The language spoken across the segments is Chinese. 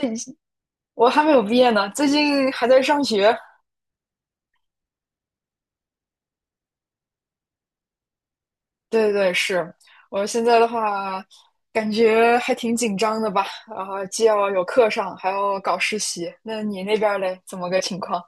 你，我还没有毕业呢，最近还在上学。对对对，是。我现在的话，感觉还挺紧张的吧？然后既要有课上，还要搞实习。那你那边儿嘞，怎么个情况？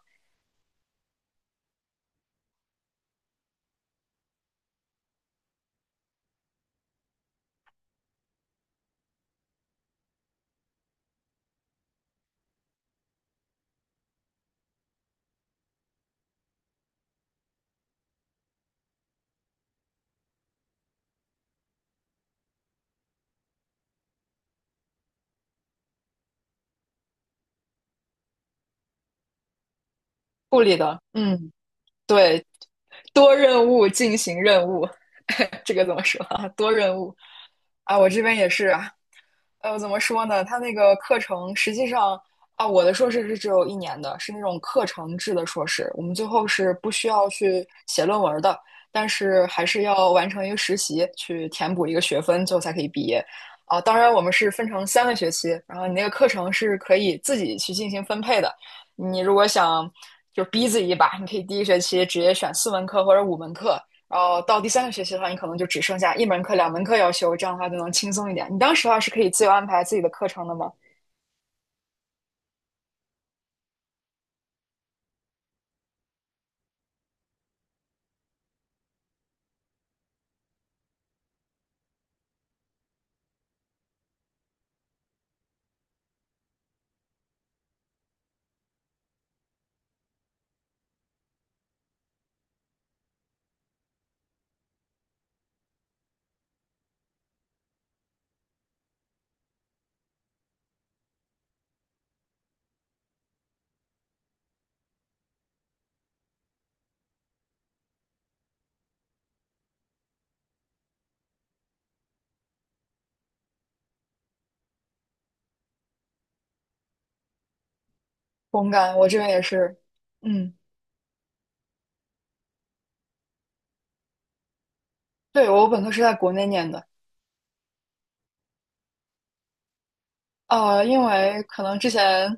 护理的，嗯，对，多任务进行任务，这个怎么说啊多任务啊，我这边也是，怎么说呢？它那个课程实际上啊，我的硕士是只有一年的，是那种课程制的硕士。我们最后是不需要去写论文的，但是还是要完成一个实习，去填补一个学分，最后才可以毕业。啊，当然我们是分成三个学期，然后你那个课程是可以自己去进行分配的。你如果想就逼自己一把，你可以第一学期直接选4门课或者5门课，然后到第三个学期的话，你可能就只剩下1门课、2门课要修，这样的话就能轻松一点。你当时的话是可以自由安排自己的课程的吗？同干，我这边也是，嗯，对，我本科是在国内念的，因为可能之前，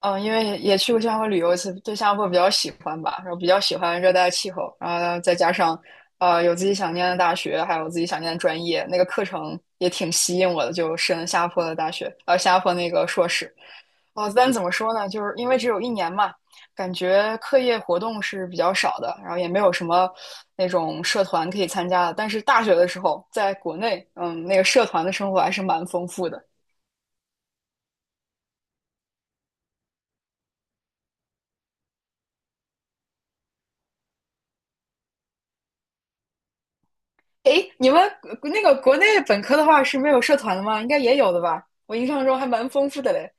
因为也去过新加坡旅游1次，对新加坡比较喜欢吧，然后比较喜欢热带气候，然后再加上，有自己想念的大学，还有自己想念的专业，那个课程也挺吸引我的，就申了新加坡的大学，新加坡那个硕士。啊，但怎么说呢？就是因为只有一年嘛，感觉课业活动是比较少的，然后也没有什么那种社团可以参加的。但是大学的时候，在国内，嗯，那个社团的生活还是蛮丰富的。诶，你们那个国内本科的话是没有社团的吗？应该也有的吧？我印象中还蛮丰富的嘞。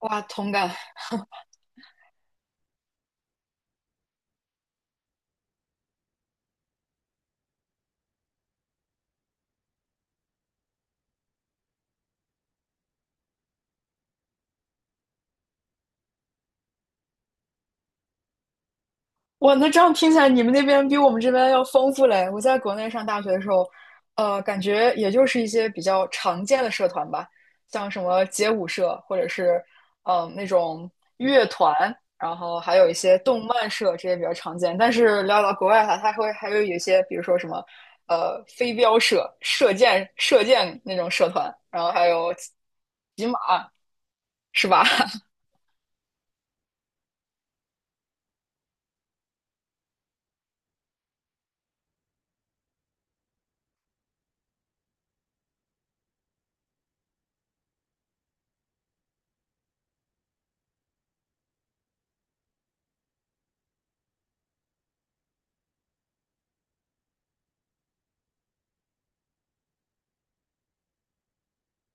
哇，同感。哇，那这样听起来，你们那边比我们这边要丰富嘞。我在国内上大学的时候，感觉也就是一些比较常见的社团吧，像什么街舞社，或者是那种乐团，然后还有一些动漫社，这些比较常见。但是聊到国外的话，它会还会有一些，比如说什么飞镖社、射箭那种社团，然后还有骑马，是吧？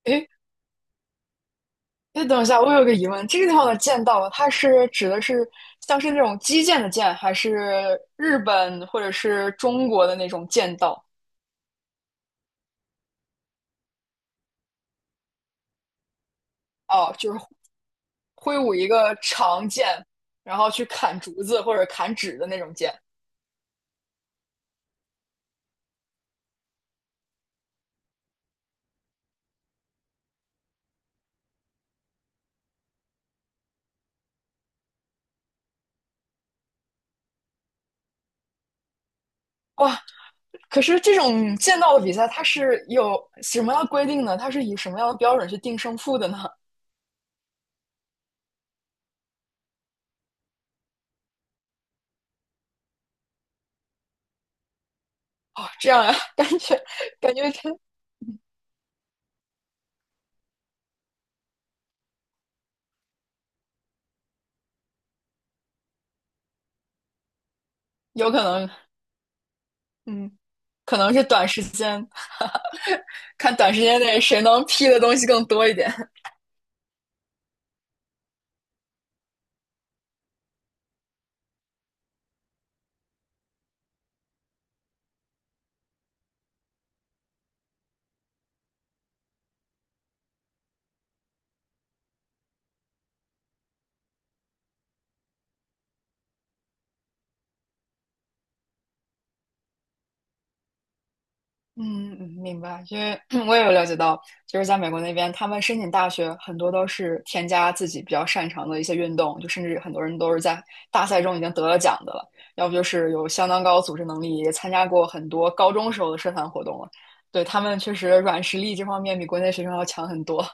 哎，等一下，我有个疑问，这个地方的剑道，它是指的是像是那种击剑的剑，还是日本或者是中国的那种剑道？哦，就是挥舞一个长剑，然后去砍竹子或者砍纸的那种剑。哇，可是这种剑道的比赛，它是有什么样的规定呢？它是以什么样的标准去定胜负的呢？哦，这样呀，感觉真有可能，嗯，可能是短时间。看短时间内谁能批的东西更多一点。嗯，明白。因为我也有了解到，就是在美国那边，他们申请大学很多都是添加自己比较擅长的一些运动，就甚至很多人都是在大赛中已经得了奖的了，要不就是有相当高组织能力，也参加过很多高中时候的社团活动了。对，他们确实软实力这方面比国内学生要强很多。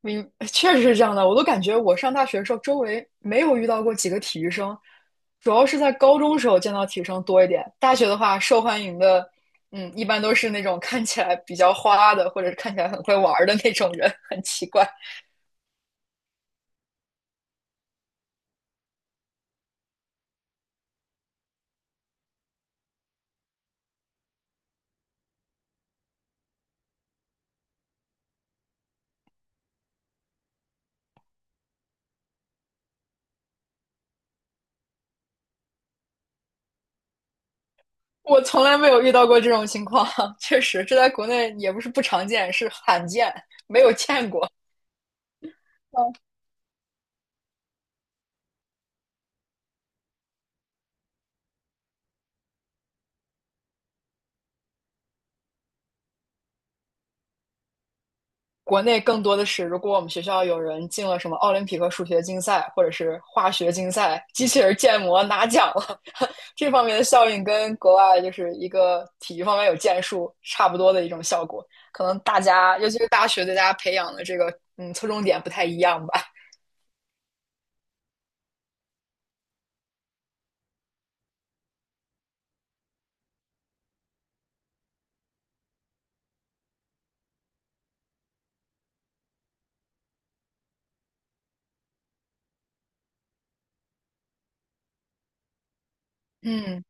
确实是这样的。我都感觉我上大学的时候，周围没有遇到过几个体育生，主要是在高中时候见到体育生多一点。大学的话，受欢迎的，嗯，一般都是那种看起来比较花的，或者是看起来很会玩儿的那种人，很奇怪。我从来没有遇到过这种情况，确实，这在国内也不是不常见，是罕见，没有见过。国内更多的是，如果我们学校有人进了什么奥林匹克数学竞赛或者是化学竞赛，机器人建模拿奖了，这方面的效应跟国外就是一个体育方面有建树差不多的一种效果。可能大家，尤其是大学对大家培养的这个侧重点不太一样吧。嗯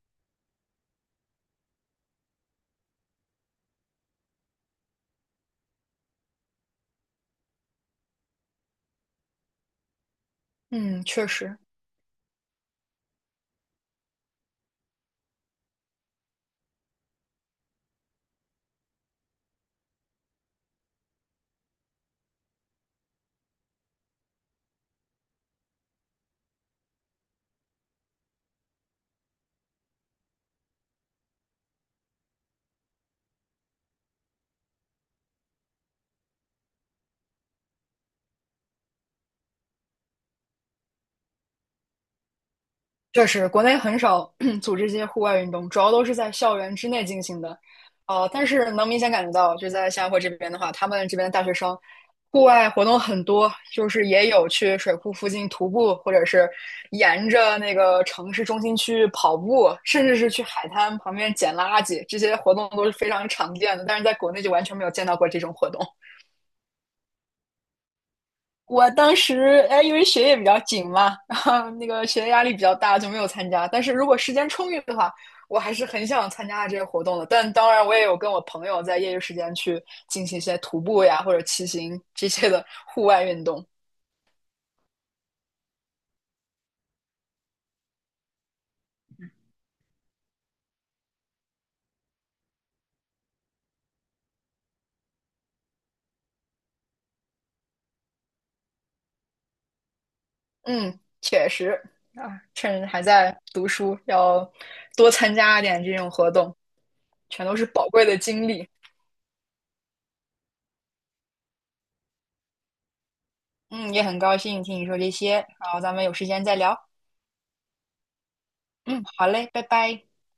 嗯，确实。确实，国内很少 组织这些户外运动，主要都是在校园之内进行的。但是能明显感觉到，就在新加坡这边的话，他们这边的大学生户外活动很多，就是也有去水库附近徒步，或者是沿着那个城市中心区跑步，甚至是去海滩旁边捡垃圾，这些活动都是非常常见的。但是在国内就完全没有见到过这种活动。我当时哎，因为学业比较紧嘛，然后那个学业压力比较大，就没有参加。但是如果时间充裕的话，我还是很想参加这个活动的。但当然，我也有跟我朋友在业余时间去进行一些徒步呀，或者骑行这些的户外运动。嗯，确实啊，趁还在读书，要多参加一点这种活动，全都是宝贵的经历。嗯，也很高兴听你说这些，然后咱们有时间再聊。嗯，好嘞，拜拜。